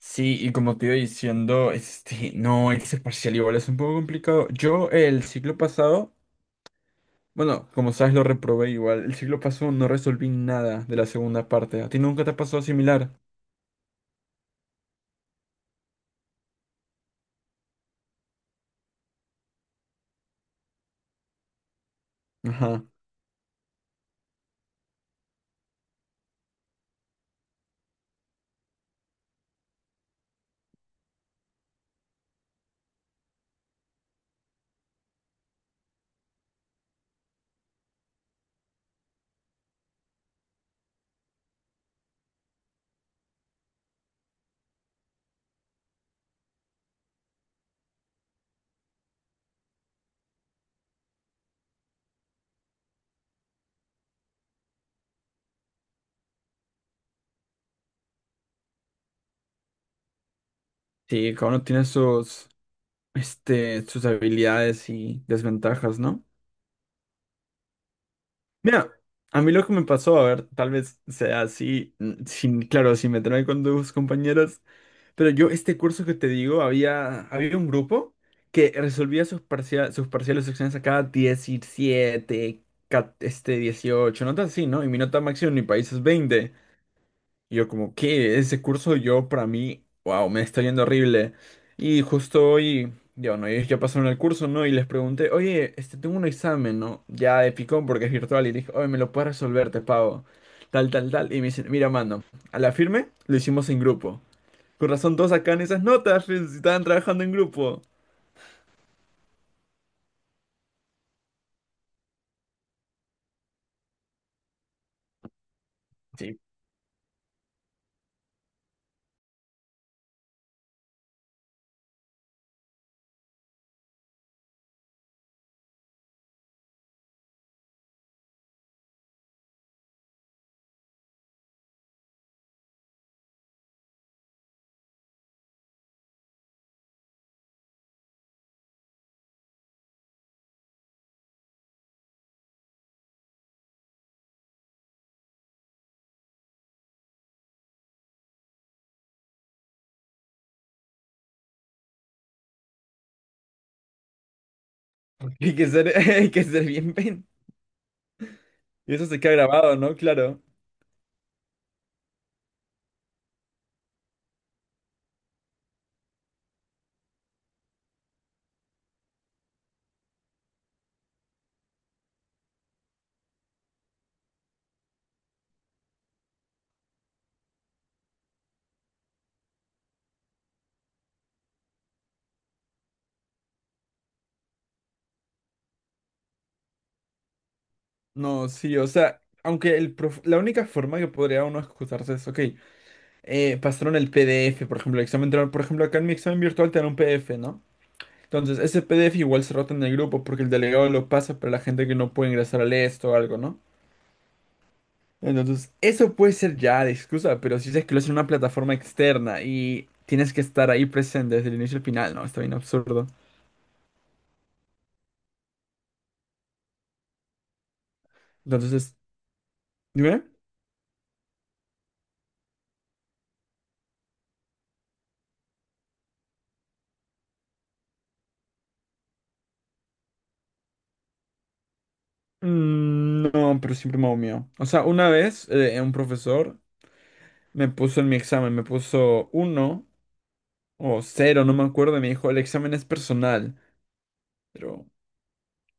Sí, y como te iba diciendo, este, no, ese parcial igual es un poco complicado. Yo el ciclo pasado, bueno, como sabes, lo reprobé igual. El ciclo pasado no resolví nada de la segunda parte. ¿A ti nunca te ha pasado similar? Ajá. Sí, cada uno tiene sus habilidades y desventajas, ¿no? Mira, a mí lo que me pasó, a ver, tal vez sea así, sin, claro, sin meterme con tus compañeros. Pero yo, este curso que te digo, había un grupo que resolvía sus parciales, sus exámenes acá 17, 18 notas así, ¿no? Y mi nota máxima en mi país es 20. Y yo como, ¿qué? Ese curso yo, para mí, wow, me está yendo horrible. Y justo hoy, ya, bueno, ellos ya pasaron el curso, ¿no? Y les pregunté, oye, este, tengo un examen, ¿no? Ya de picón porque es virtual. Y dije, oye, ¿me lo puedes resolver? Te pago. Tal, tal, tal. Y me dicen, mira, mano, a la firme lo hicimos en grupo. Con razón todos sacan esas notas, fe, si estaban trabajando en grupo. Sí. Hay que ser, hay que ser bien pen. Y eso se queda grabado, ¿no? Claro. No, sí, o sea, aunque la única forma que podría uno excusarse es, ok, pasaron el PDF, por ejemplo, el examen, por ejemplo, acá en mi examen virtual te dan un PDF, ¿no? Entonces, ese PDF igual se rota en el grupo porque el delegado lo pasa para la gente que no puede ingresar al esto o algo, ¿no? Entonces, eso puede ser ya de excusa, pero si dices que lo hacen en una plataforma externa y tienes que estar ahí presente desde el inicio al final, no, está bien absurdo. Entonces, dime. Mm, no, pero siempre me hago mío. O sea, una vez un profesor me puso en mi examen, me puso uno o cero, no me acuerdo, y me dijo, el examen es personal. Pero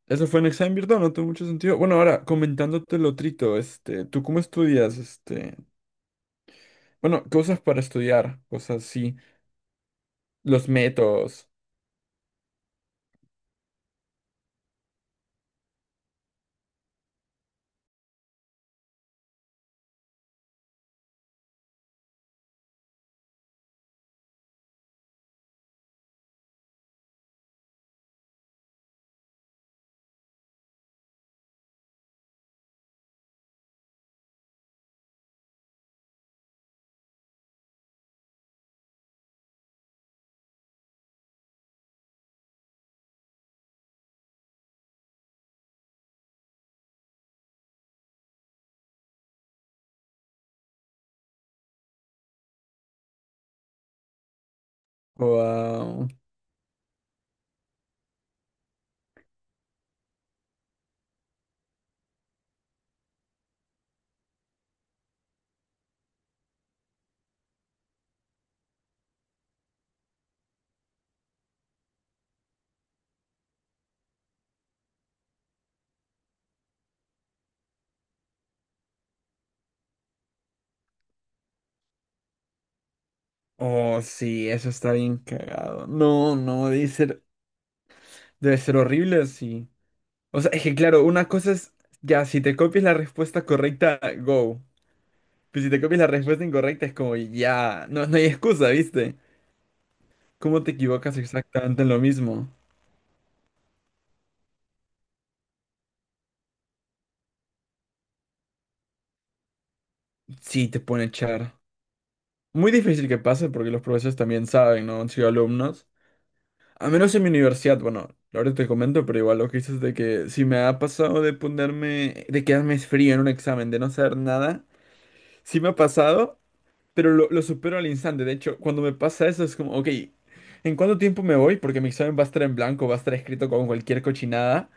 eso fue un examen virtual, no tuvo mucho sentido. Bueno, ahora, comentándote lo trito, este, ¿tú cómo estudias? Este, bueno, cosas para estudiar, cosas así, los métodos. Wow. Oh, sí, eso está bien cagado. No, no, debe ser horrible así. O sea, es que claro, una cosa es, ya, si te copias la respuesta correcta, go. Pero si te copias la respuesta incorrecta, es como, ya, no, no hay excusa, ¿viste? ¿Cómo te equivocas exactamente en lo mismo? Sí, te pone a echar. Muy difícil que pase porque los profesores también saben, ¿no? Han sido alumnos. A menos en mi universidad, bueno, ahora te comento, pero igual lo que dices de que si me ha pasado de ponerme, de quedarme frío en un examen, de no saber nada, sí me ha pasado, pero lo supero al instante. De hecho, cuando me pasa eso es como, ok, ¿en cuánto tiempo me voy? Porque mi examen va a estar en blanco, va a estar escrito con cualquier cochinada,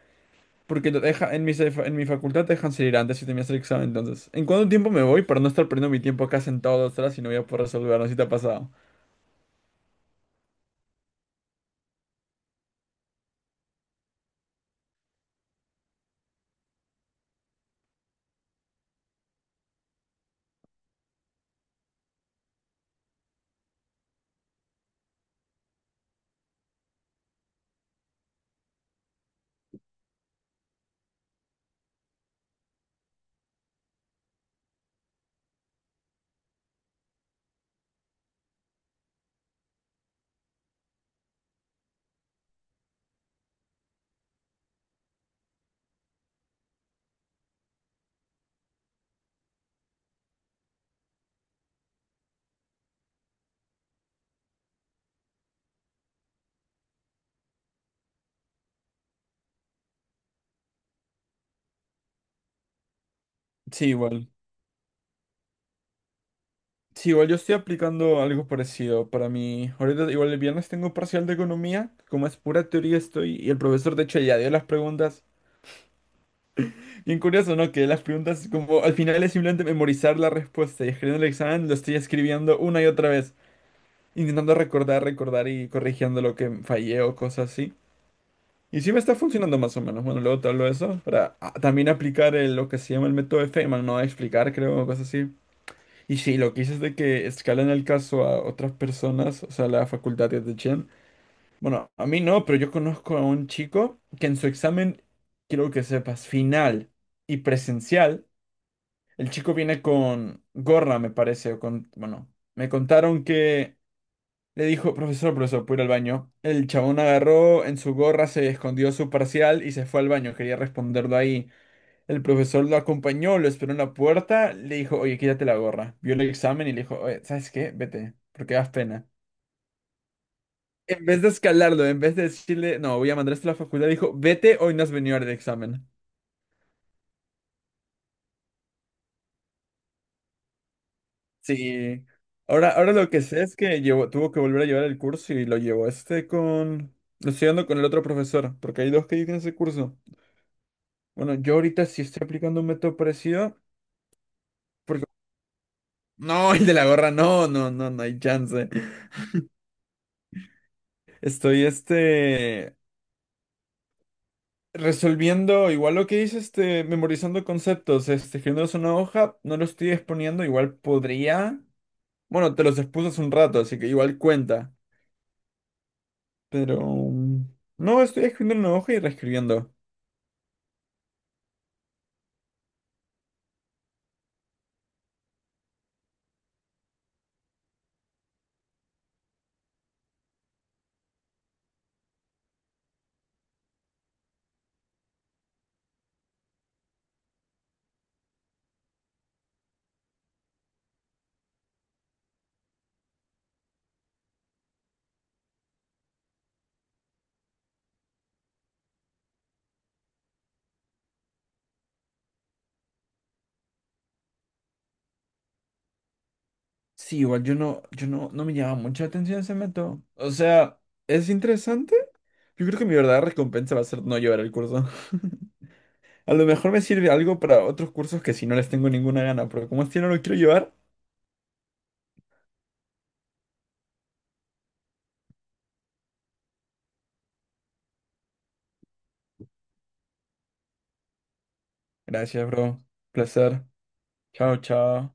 porque lo deja, en mi facultad te dejan salir antes si terminas el examen, entonces, ¿en cuánto tiempo me voy para no estar perdiendo mi tiempo acá sentado 2 horas y no voy a poder resolver? No sé si te ha pasado. Sí, igual. Sí, igual yo estoy aplicando algo parecido para mí. Ahorita, igual el viernes tengo parcial de economía, como es pura teoría estoy, y el profesor de hecho ya dio las preguntas. Bien curioso, ¿no? Que las preguntas como al final es simplemente memorizar la respuesta y escribiendo el examen lo estoy escribiendo una y otra vez, intentando recordar, recordar y corrigiendo lo que fallé o cosas así. Y sí me está funcionando más o menos. Bueno, luego te hablo de eso para también aplicar lo que se llama el método de Feynman, ¿no? Explicar, creo, o cosas así. Y sí, lo que hice es de que escalan el caso a otras personas, o sea, la facultad de Chen. Bueno, a mí no, pero yo conozco a un chico que en su examen, quiero que sepas, final y presencial, el chico viene con gorra, me parece, o con, bueno, me contaron que le dijo, profesor, profesor, puedo ir al baño. El chabón agarró en su gorra, se escondió su parcial y se fue al baño, quería responderlo ahí. El profesor lo acompañó, lo esperó en la puerta, le dijo, oye, quítate la gorra. Vio el examen y le dijo, oye, ¿sabes qué? Vete, porque das pena. En vez de escalarlo, en vez de decirle, no, voy a mandarte a la facultad, dijo, vete, hoy no has venido al examen. Sí. Ahora lo que sé es que tuvo que volver a llevar el curso y lo llevó este con... Lo estoy dando con el otro profesor, porque hay dos que dicen ese curso. Bueno, yo ahorita sí estoy aplicando un método parecido, porque... No, el de la gorra, no, no, no, no hay chance. Estoy este... Resolviendo igual lo que dice este, memorizando conceptos, este, escribiéndolos en una hoja, no lo estoy exponiendo, igual podría. Bueno, te los expuse hace un rato, así que igual cuenta. Pero no, estoy escribiendo en una hoja y reescribiendo. Sí, igual yo no, no me llama mucha atención ese método. O sea, es interesante. Yo creo que mi verdadera recompensa va a ser no llevar el curso. A lo mejor me sirve algo para otros cursos que si no les tengo ninguna gana, pero como este no lo quiero llevar, gracias, bro. Placer. Chao, chao.